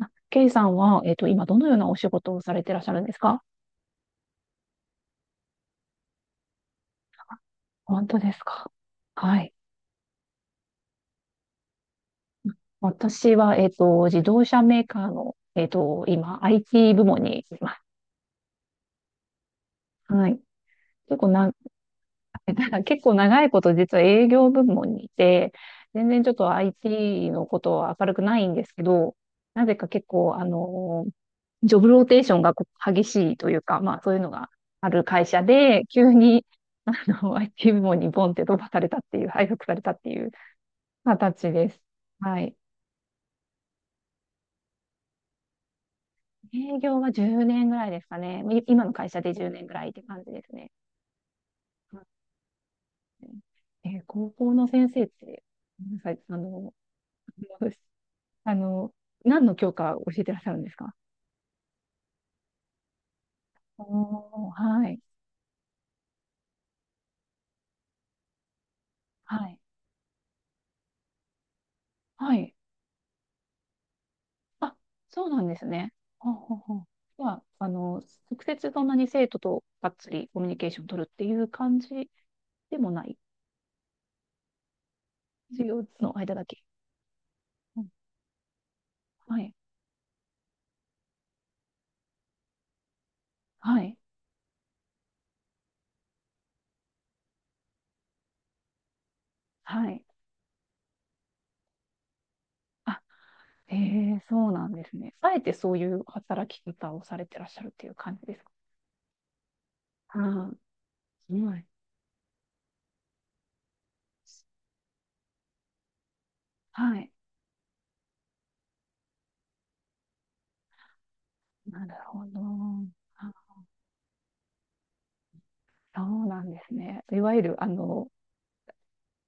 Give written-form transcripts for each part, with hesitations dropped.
あ、ケイさんは、今どのようなお仕事をされてらっしゃるんですか？本当ですか？はい。私は、自動車メーカーの、今、IT 部門にいます。はい。結構な、結構長いこと実は営業部門にいて、全然ちょっと IT のことは明るくないんですけど、なぜか結構、ジョブローテーションがこう激しいというか、まあそういうのがある会社で、急に、あIT 部門にボンって飛ばされたっていう、配属されたっていう形です。はい。営業は10年ぐらいですかね。今の会社で10年ぐらいって感じですね。はい。高校の先生って、ごめんなさい、あの、何の教科を教えてらっしゃるんですか？おー、はい、はい、はい。あ、そうなんですね。ほうほうほう。は、あの、直接そんなに生徒とがっつりコミュニケーション取るっていう感じでもない。授業の間だけ。うん。はい。はい。はい。あ、ええ、そうなんですね。あえてそういう働き方をされてらっしゃるっていう感じですか？ああ、すごい。はい。なるほど。あ、そうなんですね。いわゆる、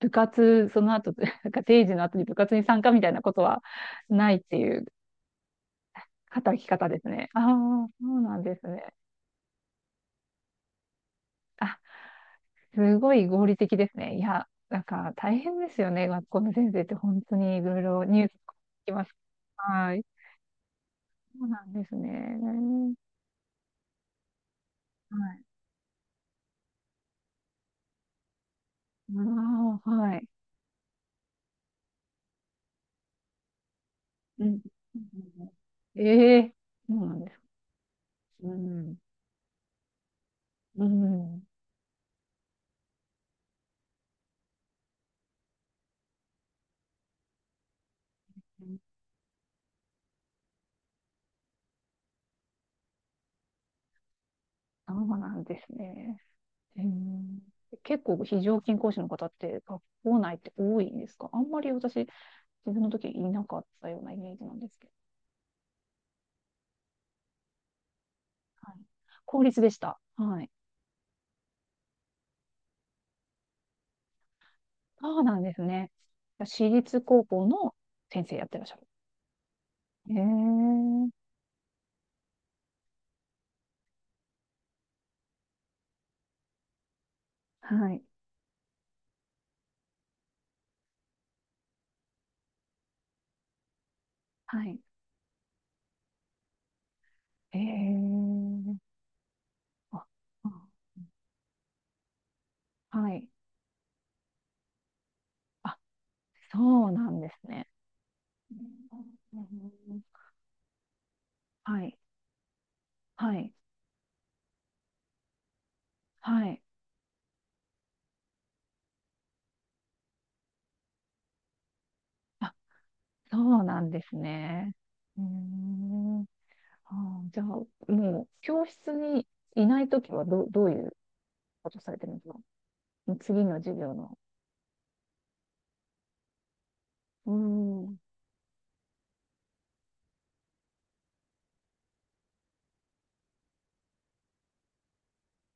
部活、その後、なんか定時の後に部活に参加みたいなことはないっていう働き方ですね。ああ、そうなんですね。あ、すごい合理的ですね。いや、なんか大変ですよね。学校の先生って本当にいろいろニュース聞きます。はい。そうなんですね。はい。ああ、はい。うん。ええ。そうなんですね。うん。うん。そうなんですね。うん、結構非常勤講師の方って学校内って多いんですか？あんまり私、自分の時いなかったようなイメージなんですけど。はい。公立でした。はい。そうなんですね。私立高校の先生やってらっしゃる。ええ。はい。はい。ええ。あ、あ、はい。あ、そうなんですね。うん。はい、はい、はい。あ、そうなんですね。うーん。あー、じゃあ、もう、教室にいないときはどういうことされてるんですか？もう次の授業の。うーん。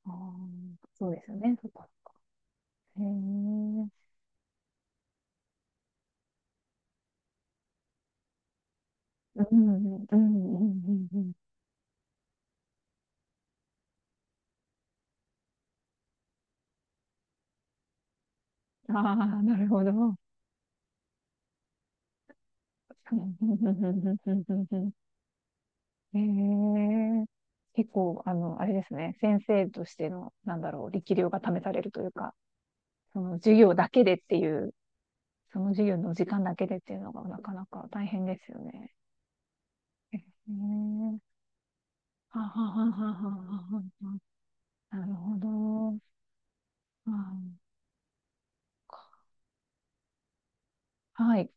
あー、そうですよね。そっか。へえ。うん、うん、うん、うん、うん。ああ、なるほど。うんうんうんうんうんうんうん。ええ。結構、あれですね、先生としての、なんだろう、力量が試されるというか、その授業だけでっていう、その授業の時間だけでっていうのがなかなか大変ですよね。ええ。はははははははは。なるほど。あー、はい。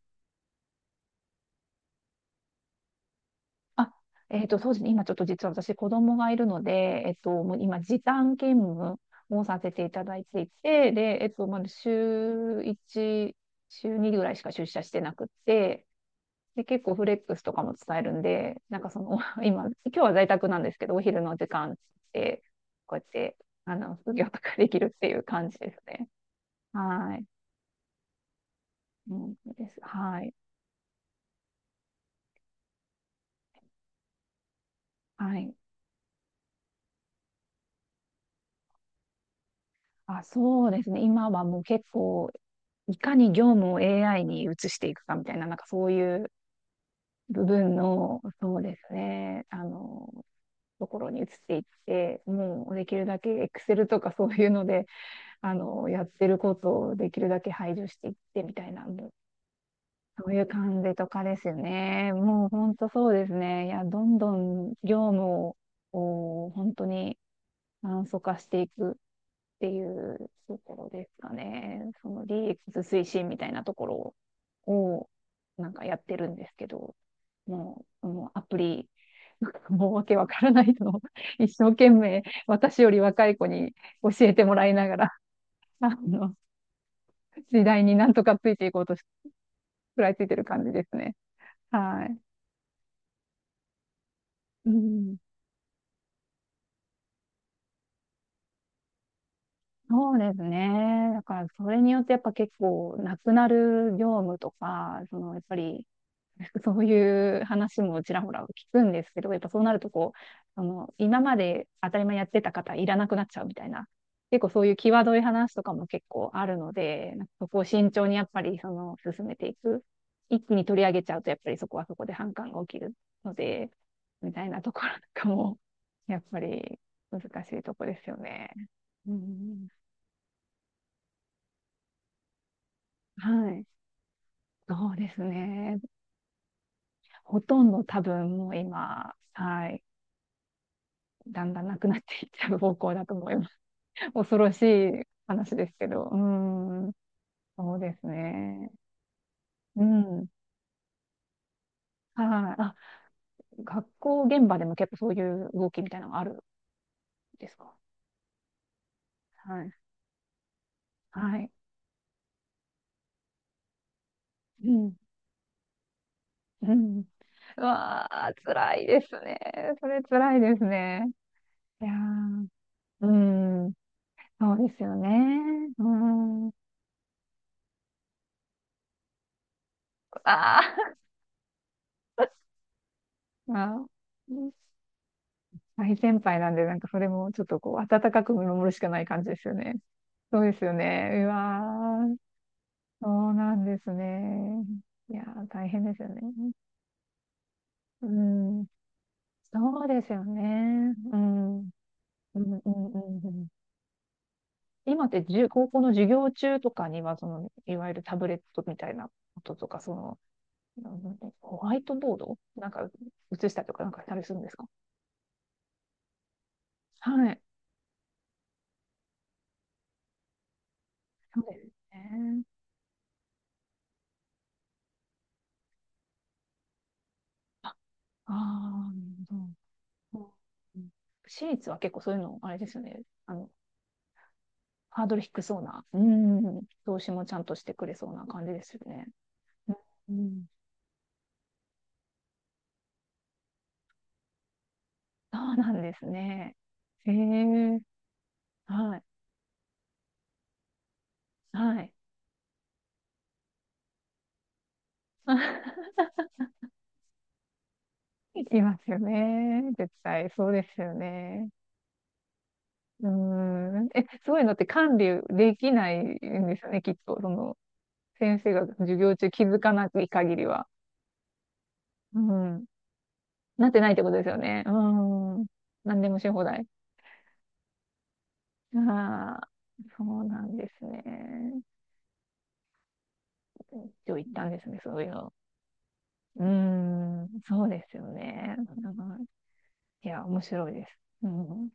あ、そうですね。今ちょっと実は私子供がいるので、もう今時短勤務をさせていただいていて、で、まだ週1、週2ぐらいしか出社してなくて、で、結構フレックスとかも伝えるんで、なんかその、今日は在宅なんですけど、お昼の時間で、こうやって、副業とかできるっていう感じですね。はい。うん、です。はい。はい。あ、そうですね。今はもう結構いかに業務を AI に移していくかみたいな、なんかそういう部分の、そうですね、ところに移っていって、もうできるだけ Excel とか そういうので、やってることをできるだけ排除していってみたいな、もうそういう感じとかですよね。もう本当そうですね。いや、どんどん業務を、こう本当に簡素化していく。っていうところですかね。その DX 推進みたいなところをなんかやってるんですけど、もう、もうアプリ、もうわけわからないのを一生懸命私より若い子に教えてもらいながら、あの、時代になんとかついていこうとし、食らいついてる感じですね。はい。うん。そうですね。だから、それによってやっぱ結構、なくなる業務とか、その、やっぱり、そういう話もちらほら聞くんですけど、やっぱそうなるとこう、今まで当たり前やってた方いらなくなっちゃうみたいな、結構そういう際どい話とかも結構あるので、なんかそこを慎重にやっぱりその進めていく。一気に取り上げちゃうと、やっぱりそこはそこで反感が起きるので、みたいなところなんかも、やっぱり難しいとこですよね。うん。はい。そうですね。ほとんど多分もう今、はい。だんだんなくなっていっちゃう方向だと思います。恐ろしい話ですけど、うーん、そうですね。うん。はい。あ、学校現場でも結構そういう動きみたいなのがあるんですか？はい。はい。うん。うん。うわあ、辛いですね。それ辛いですね。いやー、うん。そうですよね。うん。あー。 まあ、大先輩なんで、なんかそれもちょっとこう、温かく見守るしかない感じですよね。そうですよね。うわー、そうなんですね。いやー、大変ですよね。うん、そうですよね。うん、うん、うん、うん、うん。今って高校の授業中とかには、その、いわゆるタブレットみたいなこととか、その、なんだ、ホワイトボードなんか映したりとかなんかしたりするんですか？はい。そうですね。ああ、なるほど。うん。私立は結構そういうの、あれですよね。あの、ハードル低そうな、うん、投資もちゃんとしてくれそうな感じですよね。うん、そうなんですね。ええ。はい、はい。いますよね。絶対、そうですよね。うーん。え、そういうのって管理できないんですよね、きっと。その、先生が授業中気づかない限りは。うん。なってないってことですよね。うん。何でもし放題。ああ、そうなんですね。一応行ったんですね、そういうの。うーん、そうですよね。うん。いや、面白いです。うん